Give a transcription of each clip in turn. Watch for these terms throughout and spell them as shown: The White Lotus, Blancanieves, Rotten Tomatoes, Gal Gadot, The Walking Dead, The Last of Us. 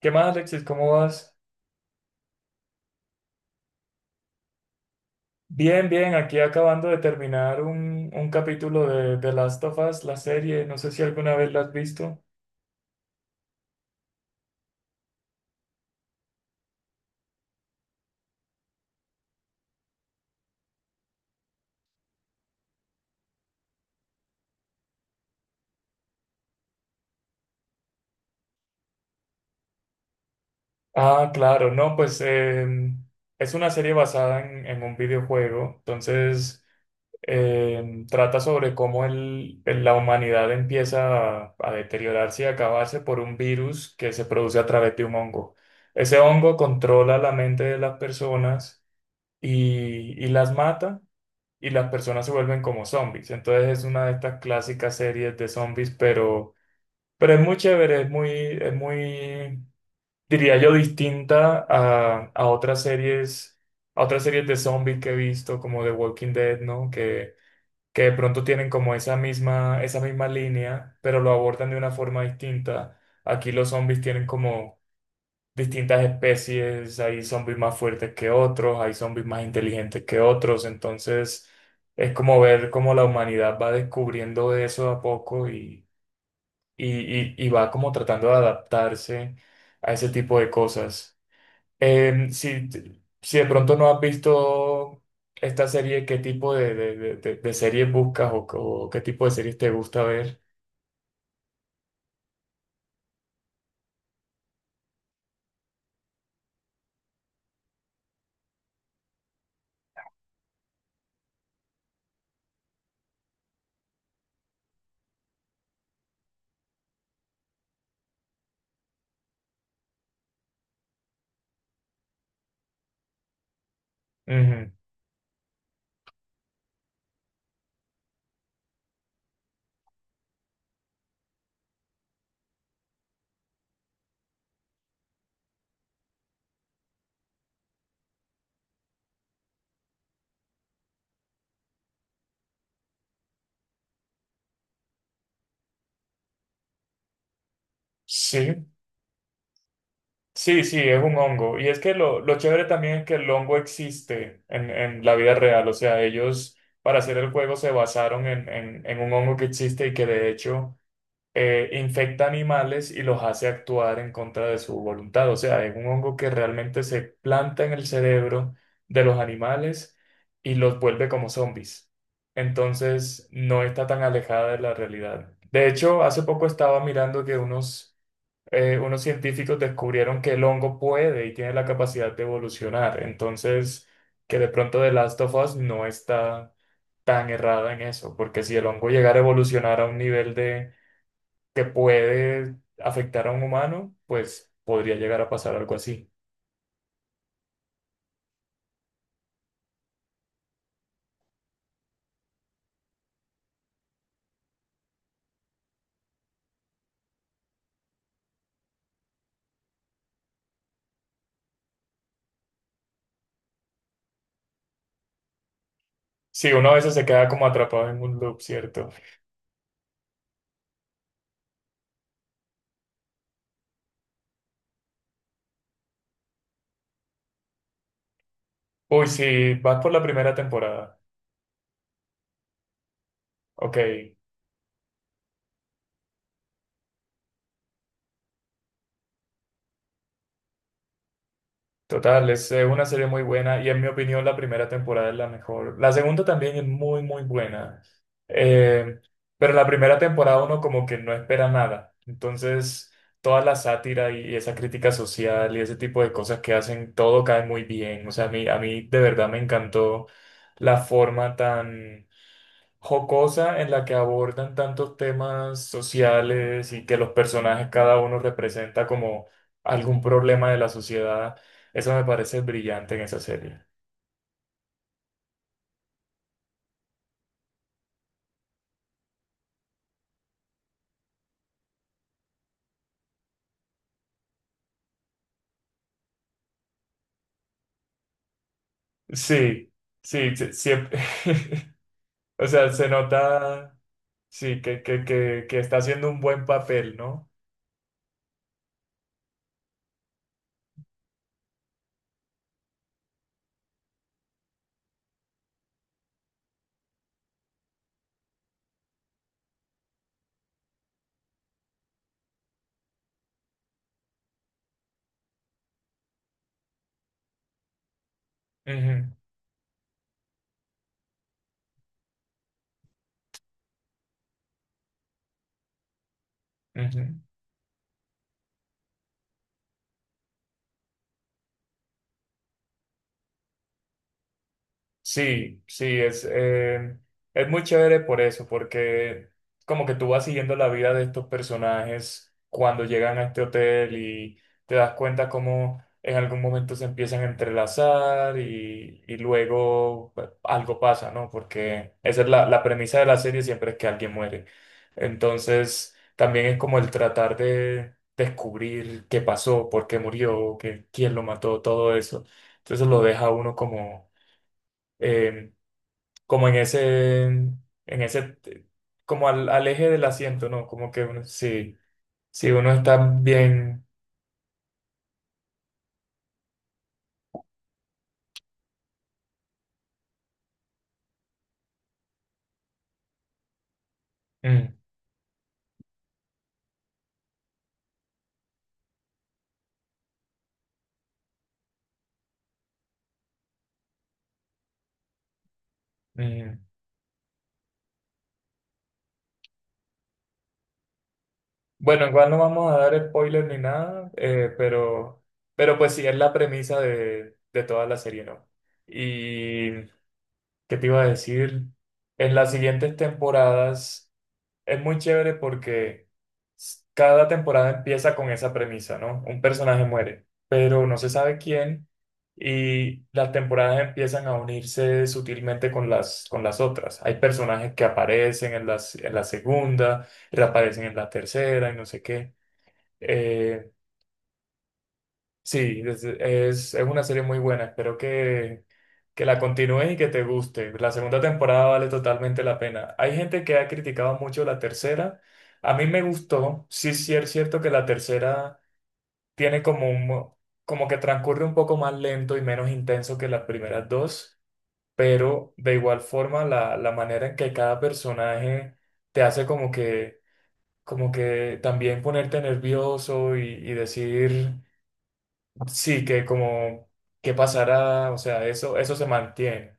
¿Qué más, Alexis? ¿Cómo vas? Bien, bien, aquí acabando de terminar un capítulo de Last of Us, la serie, no sé si alguna vez la has visto. Ah, claro, no, pues, es una serie basada en un videojuego, entonces trata sobre cómo la humanidad empieza a deteriorarse y acabarse por un virus que se produce a través de un hongo. Ese hongo controla la mente de las personas y las mata. Y las personas se vuelven como zombies. Entonces es una de estas clásicas series de zombies, pero es muy chévere, es muy, diría yo, distinta a otras series, a otras series de zombies que he visto, como The Walking Dead, ¿no? Que de pronto tienen como esa misma línea, pero lo abordan de una forma distinta. Aquí los zombies tienen como distintas especies, hay zombies más fuertes que otros, hay zombies más inteligentes que otros, entonces es como ver cómo la humanidad va descubriendo eso a poco y, y va como tratando de adaptarse a ese tipo de cosas. Si si de pronto no has visto esta serie, ¿qué tipo de series buscas o qué tipo de series te gusta ver? Ujú. Sí. Sí, sí, es un hongo. Y es que lo chévere también es que el hongo existe en la vida real. O sea, ellos para hacer el juego se basaron en un hongo que existe y que de hecho infecta animales y los hace actuar en contra de su voluntad. O sea, es un hongo que realmente se planta en el cerebro de los animales y los vuelve como zombies. Entonces, no está tan alejada de la realidad. De hecho, hace poco estaba mirando que unos unos científicos descubrieron que el hongo puede y tiene la capacidad de evolucionar. Entonces, que de pronto The Last of Us no está tan errada en eso, porque si el hongo llegara a evolucionar a un nivel de que puede afectar a un humano, pues podría llegar a pasar algo así. Sí, uno a veces se queda como atrapado en un loop, ¿cierto? Uy, sí, vas por la primera temporada. Ok. Total, es una serie muy buena y en mi opinión la primera temporada es la mejor. La segunda también es muy, muy buena. Eh, pero la primera temporada uno como que no espera nada. Entonces, toda la sátira y esa crítica social y ese tipo de cosas que hacen, todo cae muy bien. O sea, a mí de verdad me encantó la forma tan jocosa en la que abordan tantos temas sociales y que los personajes cada uno representa como algún problema de la sociedad. Eso me parece brillante en esa serie. Sí, sí, sí, siempre. O sea, se nota, sí, que está haciendo un buen papel, ¿no? Ujú, ujú. Sí, sí, es muy chévere por eso, porque como que tú vas siguiendo la vida de estos personajes cuando llegan a este hotel y te das cuenta cómo en algún momento se empiezan a entrelazar y luego pues, algo pasa, ¿no? Porque esa es la, la premisa de la serie, siempre es que alguien muere. Entonces, también es como el tratar de descubrir qué pasó, por qué murió, qué, quién lo mató, todo eso. Entonces lo deja a uno como... em, como en ese, como al, al eje del asiento, ¿no? Como que uno, sí, si uno está bien. Mm, mm. Bueno, igual no vamos a dar spoiler ni nada, pero pues sí, es la premisa de toda la serie, ¿no? Y, ¿qué te iba a decir? En las siguientes temporadas. Es muy chévere porque cada temporada empieza con esa premisa, ¿no? Un personaje muere, pero no se sabe quién y las temporadas empiezan a unirse sutilmente con las otras. Hay personajes que aparecen en las, en la segunda, reaparecen en la tercera y no sé qué. Eh, sí, es una serie muy buena. Espero que la continúes y que te guste. La segunda temporada vale totalmente la pena. Hay gente que ha criticado mucho la tercera. A mí me gustó. Sí, sí es cierto que la tercera tiene como un, como que transcurre un poco más lento y menos intenso que las primeras dos, pero de igual forma la, la manera en que cada personaje te hace como que también ponerte nervioso y decir, sí, que como, ¿qué pasará? O sea, eso se mantiene.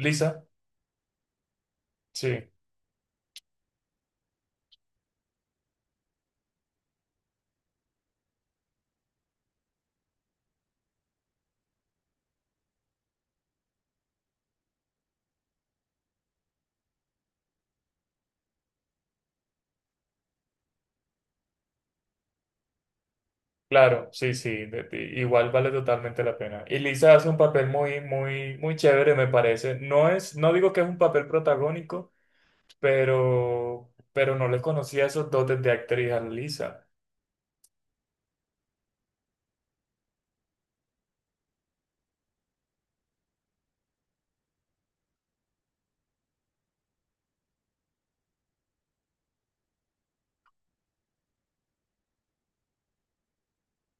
Lisa. Sí, claro, sí, sí, igual vale totalmente la pena. Y Lisa hace un papel muy, muy, muy chévere, me parece. No es, no digo que es un papel protagónico, pero no le conocía esos dotes de actriz a Lisa.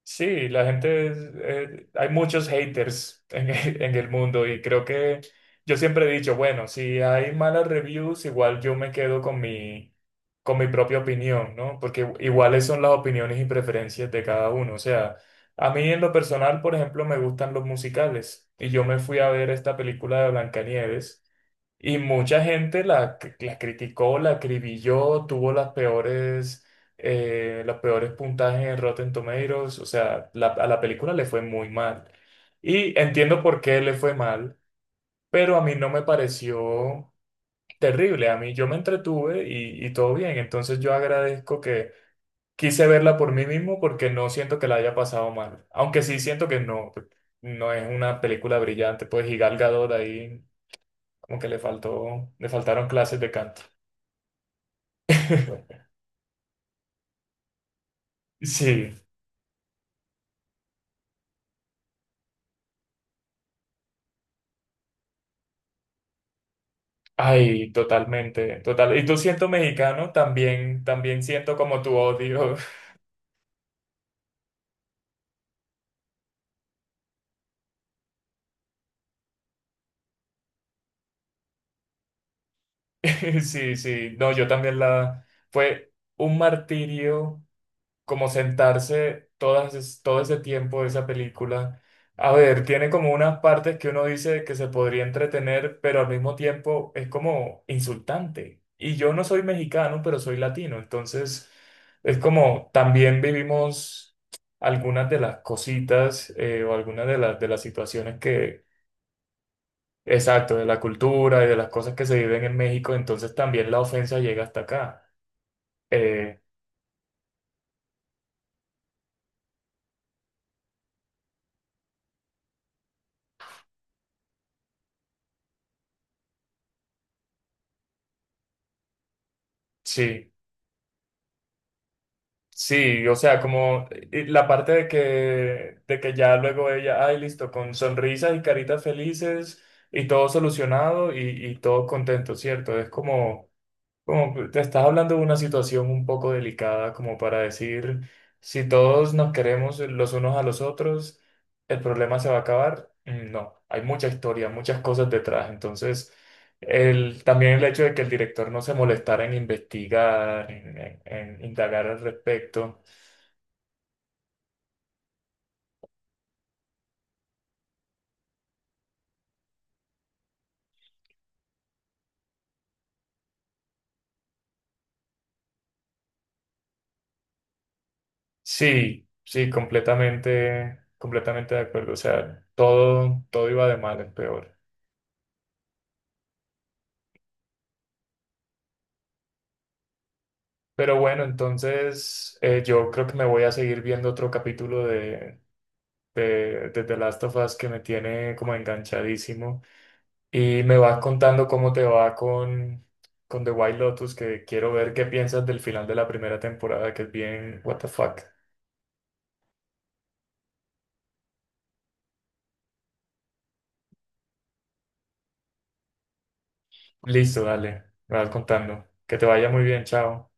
Sí, la gente, hay muchos haters en el mundo y creo que yo siempre he dicho, bueno, si hay malas reviews, igual yo me quedo con mi propia opinión, ¿no? Porque iguales son las opiniones y preferencias de cada uno. O sea, a mí en lo personal, por ejemplo, me gustan los musicales y yo me fui a ver esta película de Blancanieves. Y mucha gente la, la criticó, la acribilló, tuvo las peores, los peores puntajes en Rotten Tomatoes. O sea, a la película le fue muy mal. Y entiendo por qué le fue mal, pero a mí no me pareció terrible. A mí yo me entretuve y todo bien. Entonces yo agradezco que quise verla por mí mismo porque no siento que la haya pasado mal. Aunque sí siento que no, no es una película brillante. Pues y Gal Gadot ahí. Como que le faltó, le faltaron clases de canto. Sí, ay, totalmente, total. Y tú siento mexicano, también, también siento como tu odio. Sí, sí, no, yo también la, fue un martirio como sentarse todas, todo ese tiempo de esa película. A ver, tiene como unas partes que uno dice que se podría entretener, pero al mismo tiempo es como insultante. Y yo no soy mexicano, pero soy latino, entonces es como también vivimos algunas de las cositas o algunas de las situaciones que, exacto, de la cultura y de las cosas que se viven en México, entonces también la ofensa llega hasta acá. Eh, sí. Sí, o sea, como la parte de que ya luego ella, ay, listo, con sonrisas y caritas felices y todo solucionado y todo contento, ¿cierto? Es como, como que te estás hablando de una situación un poco delicada, como para decir, si todos nos queremos los unos a los otros, ¿el problema se va a acabar? Mm, no, hay mucha historia, muchas cosas detrás, entonces... El, también el hecho de que el director no se molestara en investigar, en, en indagar al respecto, sí, sí, completamente, completamente de acuerdo. O sea, todo, todo iba de mal en peor. Pero bueno, entonces yo creo que me voy a seguir viendo otro capítulo de The Last of Us que me tiene como enganchadísimo. Y me vas contando cómo te va con The White Lotus, que quiero ver qué piensas del final de la primera temporada, que es bien, what the fuck. Listo, dale, me vas contando. Que te vaya muy bien, chao.